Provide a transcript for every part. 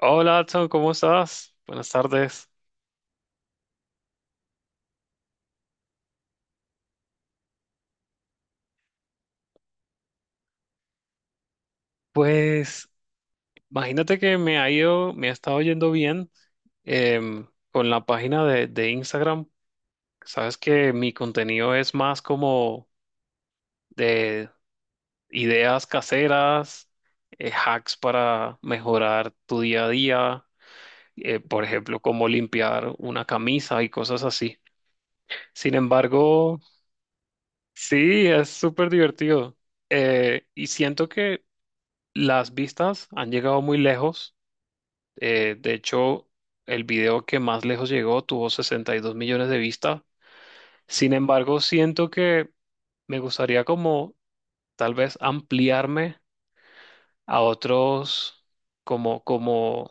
Hola, Adson, ¿cómo estás? Buenas tardes. Pues imagínate que me ha estado yendo bien con la página de Instagram. Sabes que mi contenido es más como de ideas caseras, hacks para mejorar tu día a día, por ejemplo, cómo limpiar una camisa y cosas así. Sin embargo, sí, es súper divertido. Y siento que las vistas han llegado muy lejos. De hecho, el video que más lejos llegó tuvo 62 millones de vistas. Sin embargo, siento que me gustaría como tal vez ampliarme a otros, como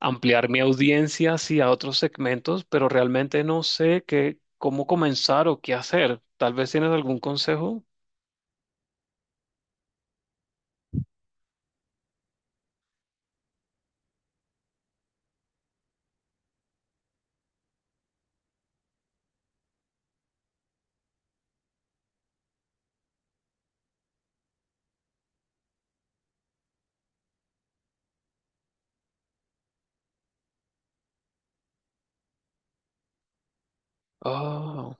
ampliar mi audiencia hacia otros segmentos, pero realmente no sé cómo comenzar o qué hacer. Tal vez tienes algún consejo. Oh,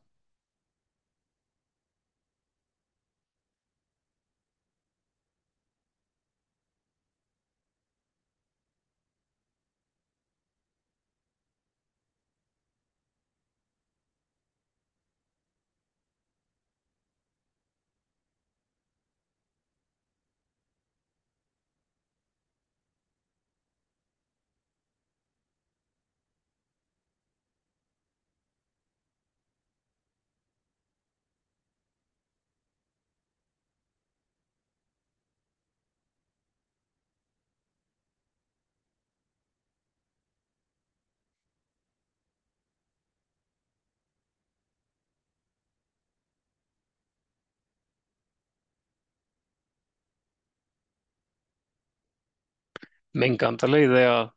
me encanta la idea.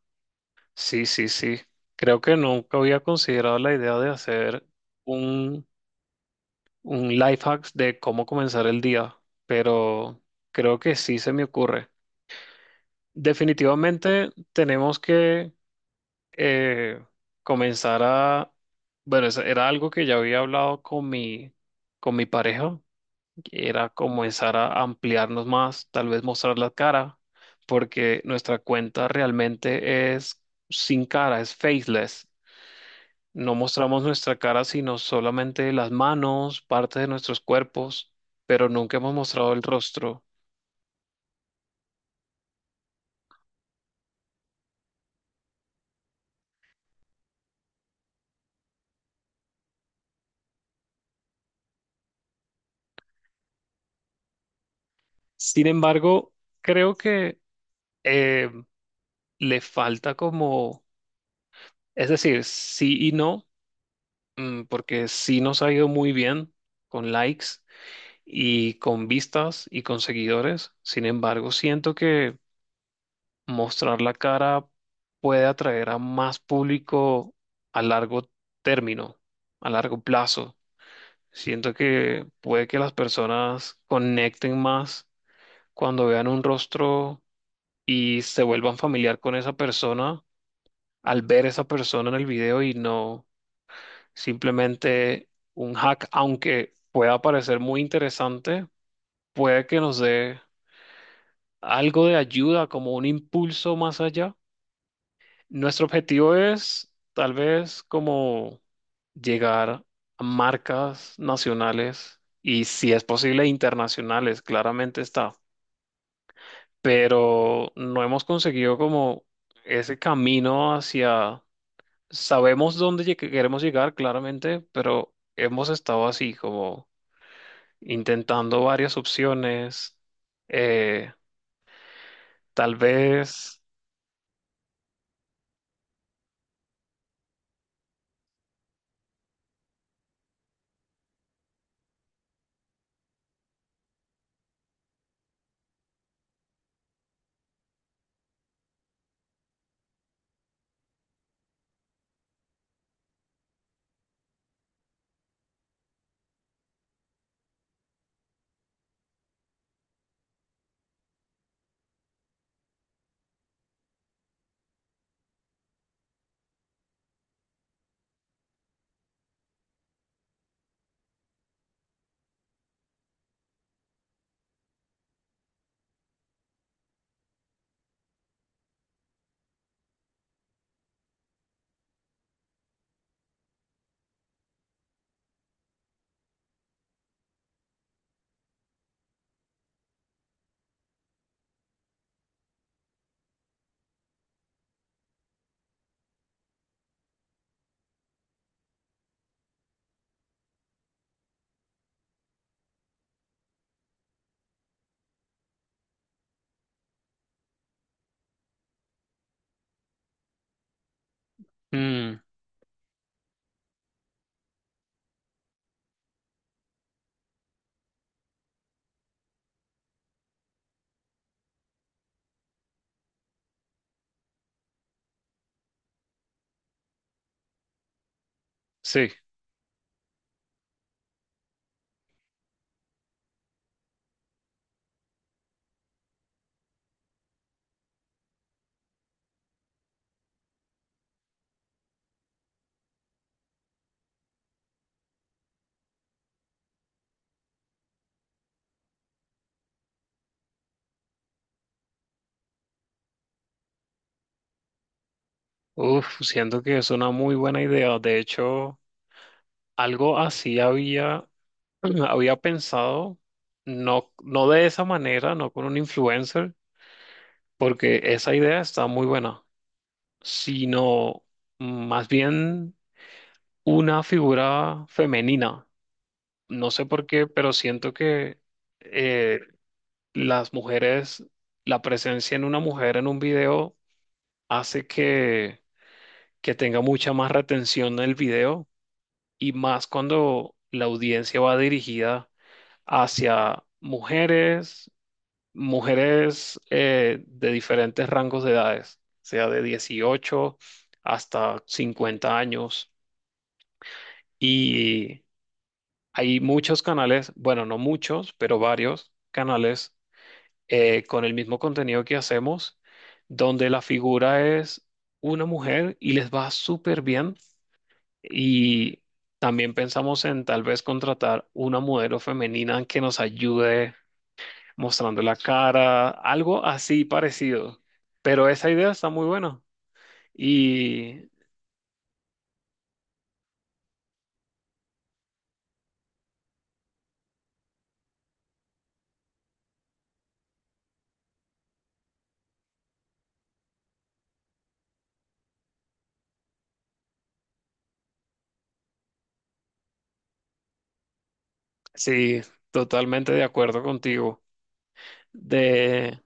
Sí, sí, sí. Creo que nunca había considerado la idea de hacer un, un life hack de cómo comenzar el día, pero creo que sí se me ocurre. Definitivamente tenemos que eh, comenzar a... Bueno, eso era algo que ya había hablado con con mi pareja, que era comenzar a ampliarnos más, tal vez mostrar la cara, porque nuestra cuenta realmente es sin cara, es faceless. No mostramos nuestra cara, sino solamente las manos, partes de nuestros cuerpos, pero nunca hemos mostrado el rostro. Sin embargo, creo que eh, le falta como, es decir, sí y no, mm, porque sí nos ha ido muy bien con likes y con vistas y con seguidores. Sin embargo, siento que mostrar la cara puede atraer a más público a largo término, a largo plazo. Siento que puede que las personas conecten más cuando vean un rostro y se vuelvan familiar con esa persona al ver esa persona en el video y no simplemente un hack, aunque pueda parecer muy interesante, puede que nos dé algo de ayuda, como un impulso más allá. Nuestro objetivo es tal vez como llegar a marcas nacionales y si es posible internacionales, claramente está, pero no hemos conseguido como ese camino hacia, sabemos dónde queremos llegar claramente, pero hemos estado así como intentando varias opciones, eh, tal vez, mm, sí, uf, siento que es una muy buena idea, de hecho. Algo así había había pensado, no, no de esa manera, no con un influencer, porque esa idea está muy buena, sino más bien una figura femenina. No sé por qué, pero siento que eh, las mujeres, la presencia en una mujer en un video hace que tenga mucha más retención en el video y más cuando la audiencia va dirigida hacia mujeres, mujeres de diferentes rangos de edades, o sea, de 18 hasta 50 años. Y hay muchos canales, bueno, no muchos, pero varios canales con el mismo contenido que hacemos, donde la figura es una mujer y les va súper bien. Y también pensamos en tal vez contratar una modelo femenina que nos ayude mostrando la cara, algo así parecido. Pero esa idea está muy buena. Y sí, totalmente de acuerdo contigo. De,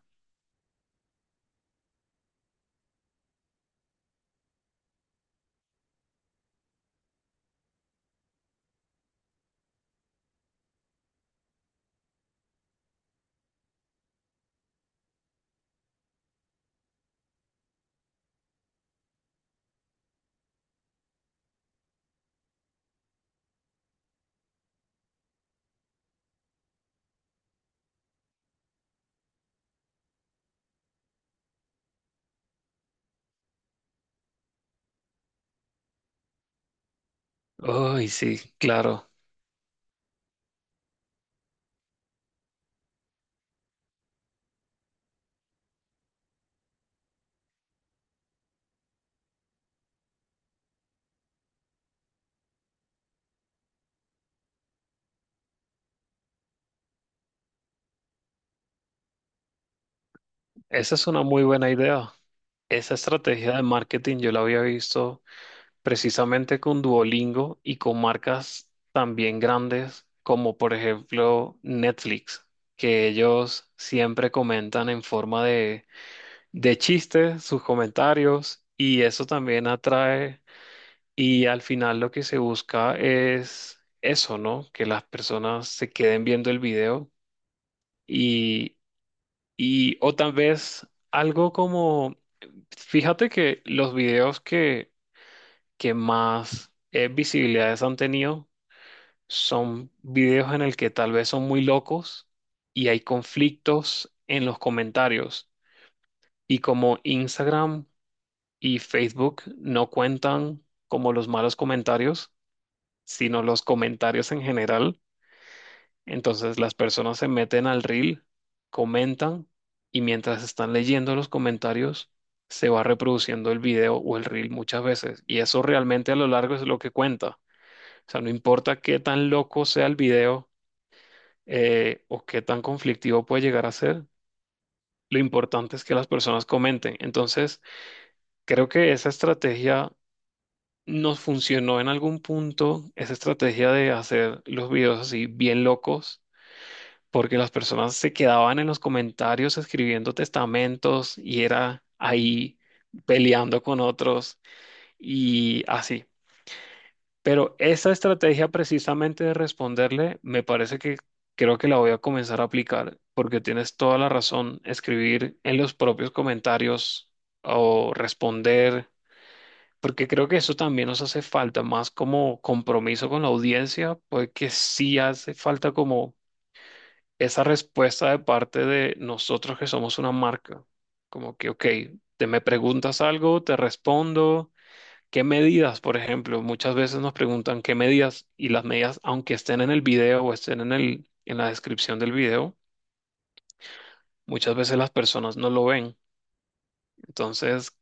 uy, sí, claro. Esa es una muy buena idea. Esa estrategia de marketing yo la había visto precisamente con Duolingo y con marcas también grandes como por ejemplo Netflix, que ellos siempre comentan en forma de chistes, sus comentarios y eso también atrae y al final lo que se busca es eso, ¿no? Que las personas se queden viendo el video y, y o tal vez algo como, fíjate que que más visibilidades han tenido son videos en el que tal vez son muy locos y hay conflictos en los comentarios. Y como Instagram y Facebook no cuentan como los malos comentarios, sino los comentarios en general. Entonces las personas se meten al reel, comentan y mientras están leyendo los comentarios se va reproduciendo el video o el reel muchas veces. Y eso realmente a lo largo es lo que cuenta. O sea, no importa qué tan loco sea el video o qué tan conflictivo puede llegar a ser, lo importante es que las personas comenten. Entonces, creo que esa estrategia nos funcionó en algún punto, esa estrategia de hacer los videos así bien locos, porque las personas se quedaban en los comentarios escribiendo testamentos y era ahí peleando con otros y así. Pero esa estrategia precisamente de responderle, me parece que creo que la voy a comenzar a aplicar, porque tienes toda la razón, escribir en los propios comentarios o responder porque creo que eso también nos hace falta, más como compromiso con la audiencia, porque sí hace falta como esa respuesta de parte de nosotros que somos una marca, como que, ok, te me preguntas algo, te respondo, ¿qué medidas, por ejemplo? Muchas veces nos preguntan qué medidas y las medidas, aunque estén en el video o estén en en la descripción del video. Muchas veces las personas no lo ven. Entonces,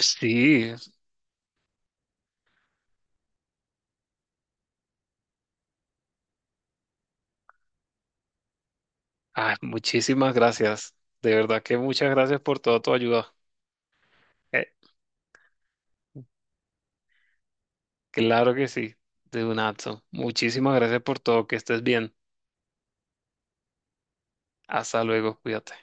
sí, ah, muchísimas gracias. De verdad que muchas gracias por toda tu ayuda. Eh, claro que sí, de un Nato. Muchísimas gracias por todo, que estés bien. Hasta luego, cuídate.